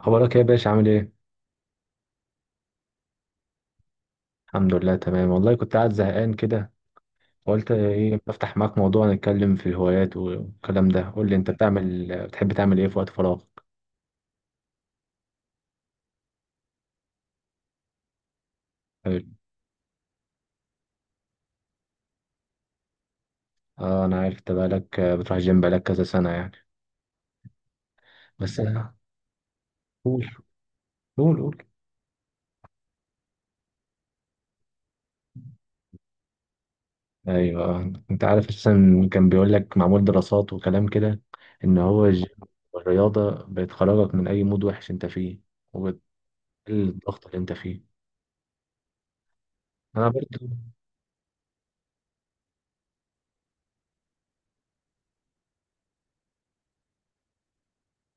اخبارك إيه يا باشا، عامل ايه؟ الحمد لله تمام، والله كنت قاعد زهقان كده. قلت ايه، بفتح معاك موضوع نتكلم في الهوايات والكلام ده. قول لي، انت بتحب تعمل ايه في وقت فراغ؟ حلو. اه انا عارف، انت بقالك بتروح الجيم بقالك كذا سنة يعني. بس قول قول قول. ايوه انت عارف اساسا، كان بيقول لك معمول دراسات وكلام كده، ان هو الجيم والرياضة بتخرجك من اي مود وحش انت فيه، وبتقلل الضغط اللي انت فيه. انا برضه.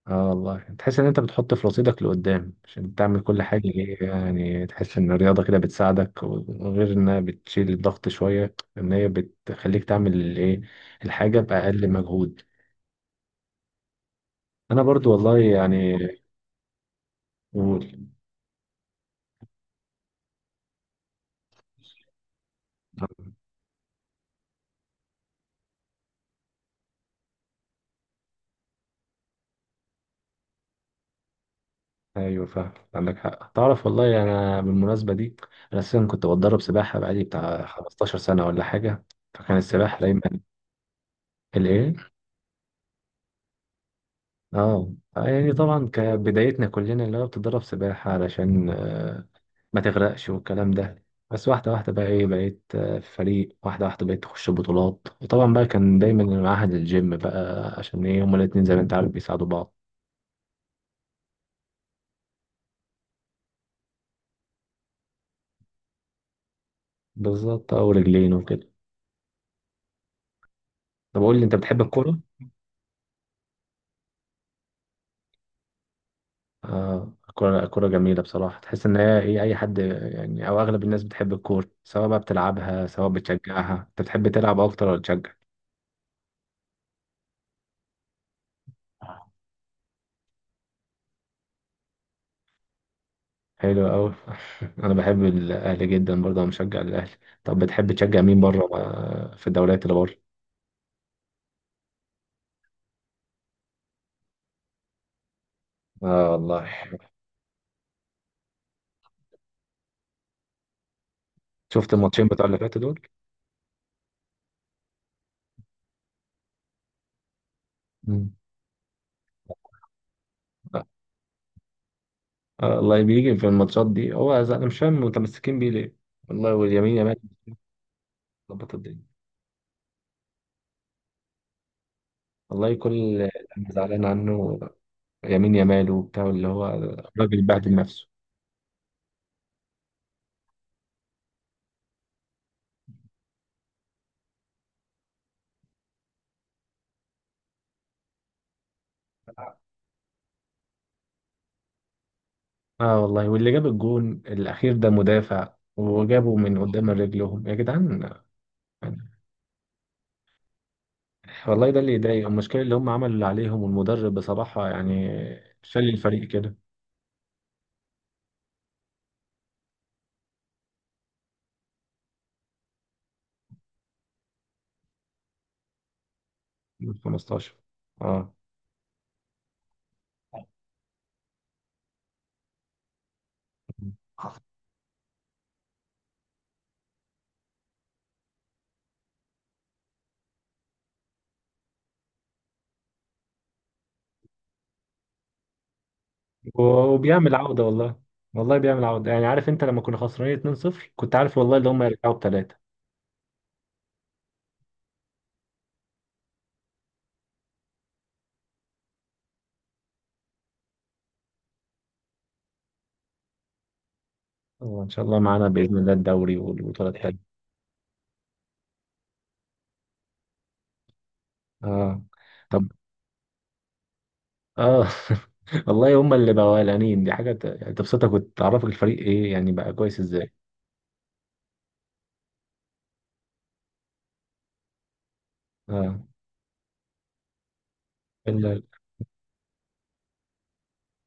اه والله، تحس ان انت بتحط في رصيدك لقدام عشان تعمل كل حاجة، ايه يعني، تحس ان الرياضة كده بتساعدك، وغير انها بتشيل الضغط شوية، ان هي بتخليك تعمل الايه، الحاجة بأقل مجهود. انا برضو والله يعني. قول. ايوه فاهم، عندك حق. تعرف والله انا بالمناسبة دي، انا اساسا كنت بتدرب سباحة بقالي بتاع 15 سنة ولا حاجة، فكان السباحة دايما الايه. اه يعني طبعا كبدايتنا كلنا، اللي هو بتدرب سباحة علشان ما تغرقش والكلام ده. بس واحدة واحدة بقى ايه، بقيت في فريق، واحدة واحدة بقيت تخش بطولات. وطبعا بقى كان دايما المعهد الجيم بقى، عشان ايه، هما الاتنين زي ما انت عارف بيساعدوا بعض. بالظبط، اه، ورجلين وكده. طب قول لي، انت بتحب الكورة؟ اه الكورة الكورة جميلة بصراحة. تحس ان هي ايه، اي حد يعني او اغلب الناس بتحب الكورة، سواء بقى بتلعبها سواء بتشجعها. انت بتحب تلعب اكتر ولا تشجع؟ حلو أوي. أنا بحب الأهلي جدا برضه، أنا مشجع للأهلي. طب بتحب تشجع مين بره في الدوريات اللي بره؟ اه والله. شفت الماتشين بتوع اللي فاتوا دول؟ مم. لا الله بيجي في الماتشات دي، هو أنا مش فاهم متمسكين بيه ليه؟ والله واليمين يامال ظبط الدنيا. والله كل اللي، أنا زعلان عنه. يمين يامال وبتاع، اللي هو الراجل بهدل نفسه. اه والله، واللي جاب الجون الأخير ده مدافع، وجابه من قدام رجلهم يا جدعان. والله ده اللي يضايق، المشكلة اللي هم عملوا اللي عليهم، والمدرب بصراحة يعني شال الفريق كده. من 15، اه. وبيعمل عودة والله، والله بيعمل عودة. يعني عارف انت لما كنا خسرانين 2-0، كنت عارف والله اللي هم يرجعوا بثلاثة. ان شاء الله معانا بإذن الله الدوري والبطولة الحلوة. اه. طب. اه. والله هم اللي بقوا قلقانين، دي حاجة يعني تبسطك وتعرفك الفريق ايه يعني بقى كويس ازاي. اه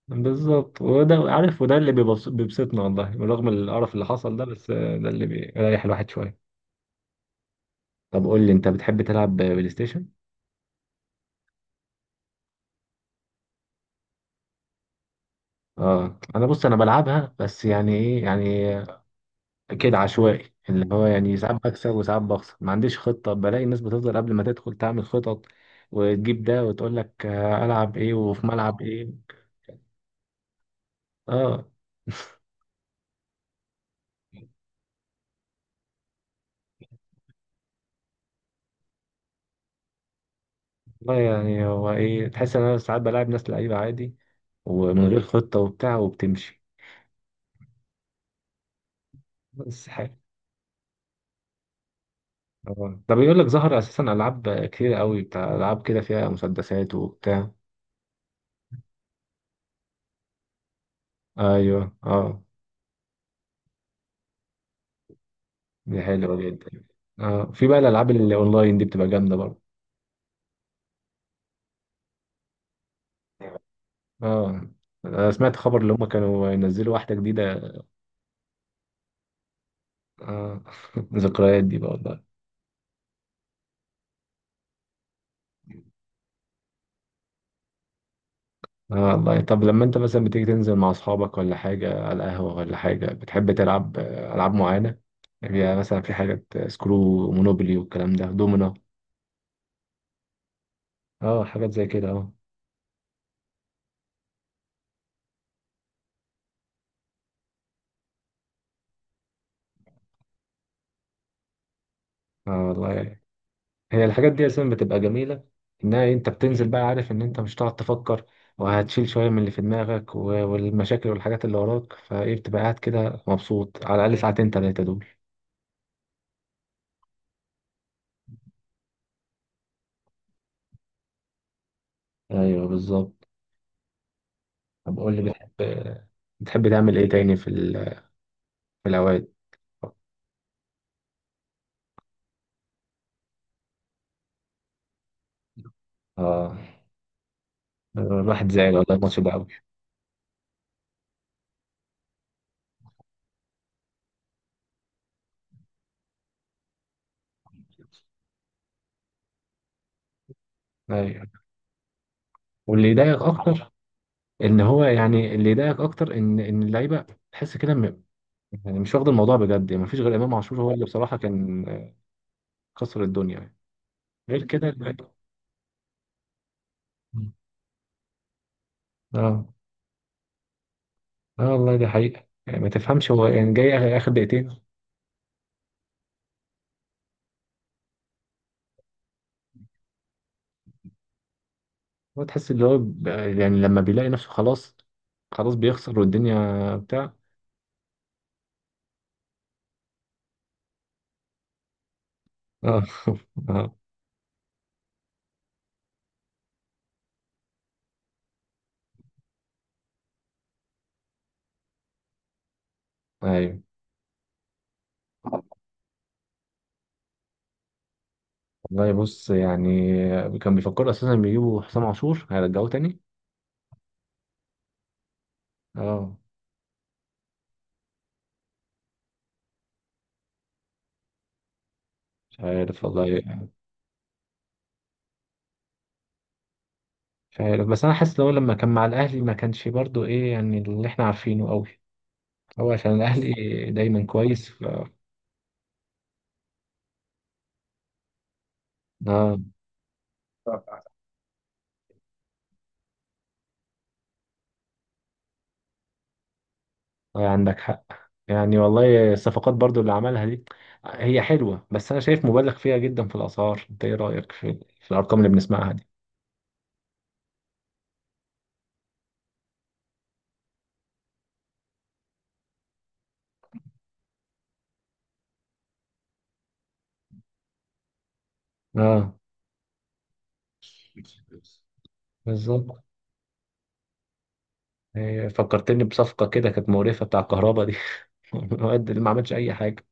بالظبط، وده عارف، وده اللي بيبسطنا، والله رغم القرف اللي حصل ده، بس ده اللي بيريح الواحد شوية. طب قول لي، انت بتحب تلعب بلاي ستيشن؟ اه انا بص، انا بلعبها بس يعني ايه يعني، كده عشوائي، اللي هو يعني ساعات بكسب وساعات بخسر، ما عنديش خطة. بلاقي الناس بتفضل قبل ما تدخل تعمل خطط، وتجيب ده وتقول لك العب ايه وفي ملعب ايه. اه والله يعني، هو ايه، تحس ان انا ساعات بلعب ناس لعيبة عادي، ومن غير خطة وبتاع وبتمشي. بس حلو. اه ده بيقول لك ظهر اساسا العاب كتير قوي، بتاع العاب كده فيها مسدسات وبتاع. ايوه اه. دي حلوه جدا. اه، في بقى الالعاب اللي اونلاين دي بتبقى جامده برضه. اه أنا سمعت خبر اللي هم كانوا ينزلوا واحده جديده. اه. ذكريات دي بقى والله. اه والله، طب لما انت مثلا بتيجي تنزل مع اصحابك ولا حاجه على القهوه ولا حاجه، بتحب تلعب العاب معينه؟ يعني مثلا، في حاجات سكرو، مونوبولي والكلام ده، دومينو. اه حاجات زي كده، اه اه والله، هي الحاجات دي اصلا بتبقى جميله، انها إيه، انت بتنزل بقى عارف ان انت مش هتقعد تفكر، وهتشيل شويه من اللي في دماغك والمشاكل والحاجات اللي وراك فايه، بتبقى قاعد كده مبسوط على الاقل ساعتين تلاته دول. ايوه بالظبط. طب قول لي، بتحب تعمل ايه تاني في في الاوقات. اه، الواحد زعل والله، الماتش ده قوي. ايوه، واللي يضايق اكتر ان هو يعني، اللي يضايق اكتر ان اللعيبه، تحس كده يعني مش واخد الموضوع بجد. يعني مفيش غير امام عاشور، هو اللي بصراحه كان كسر الدنيا. غير كده اه اه والله دي حقيقة. يعني ما تفهمش هو، يعني جاي آخر آخر دقيقتين. هو تحس اللي هو يعني لما بيلاقي نفسه خلاص، خلاص بيخسر والدنيا بتاع. اه اه. ايوه والله، بص يعني، كان بيفكروا اساسا بيجيبوا حسام عاشور، هيرجعوه تاني. اه مش عارف والله. مش عارف، بس انا حاسس لو لما كان مع الاهلي ما كانش برضو ايه يعني، اللي احنا عارفينه قوي. هو عشان الاهلي دايما كويس اه عندك حق. يعني والله الصفقات برضو اللي عملها دي هي حلوة، بس أنا شايف مبالغ فيها جدا في الأسعار. أنت إيه رأيك في الأرقام اللي بنسمعها دي؟ آه بالظبط. هي فكرتني بصفقة كده كانت مقرفة، بتاع الكهرباء دي. الواد اللي ما عملش أي حاجة.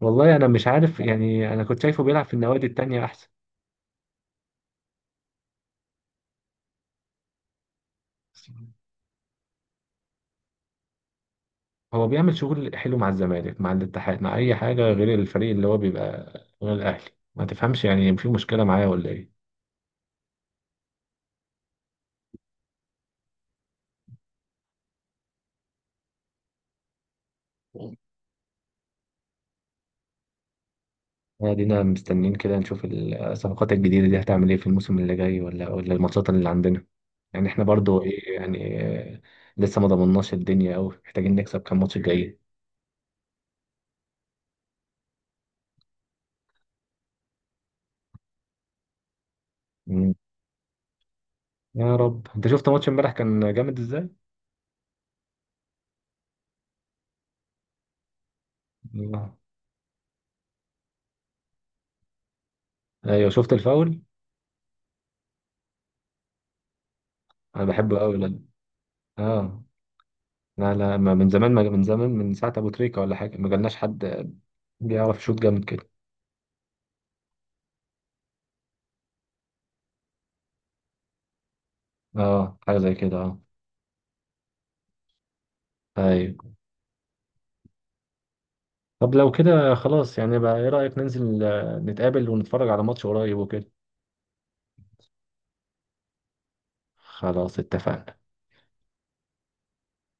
والله أنا مش عارف يعني، أنا كنت شايفه بيلعب في النوادي التانية أحسن. هو بيعمل شغل حلو مع الزمالك، مع الاتحاد، مع أي حاجة غير الفريق اللي هو بيبقى، غير الأهلي. ما تفهمش يعني، في مشكلة معاه ولا إيه؟ ادينا مستنيين كده نشوف الصفقات الجديده دي هتعمل ايه في الموسم اللي جاي، ولا الماتشات اللي عندنا. يعني احنا برضو ايه يعني، لسه ما ضمناش الدنيا قوي، محتاجين نكسب كام ماتش جاي. مم. يا رب. انت شفت ماتش امبارح كان جامد ازاي؟ الله. ايوه، شفت الفاول. انا بحبه قوي. لا اه، لا لا، ما من زمان ما من زمان، من ساعه ابو تريكه ولا حاجه ما جالناش حد بيعرف يشوط جامد كده. اه حاجه زي كده، اه ايوه. طب لو كده خلاص، يعني بقى ايه رأيك ننزل نتقابل ونتفرج على ماتش قريب وكده. خلاص اتفقنا.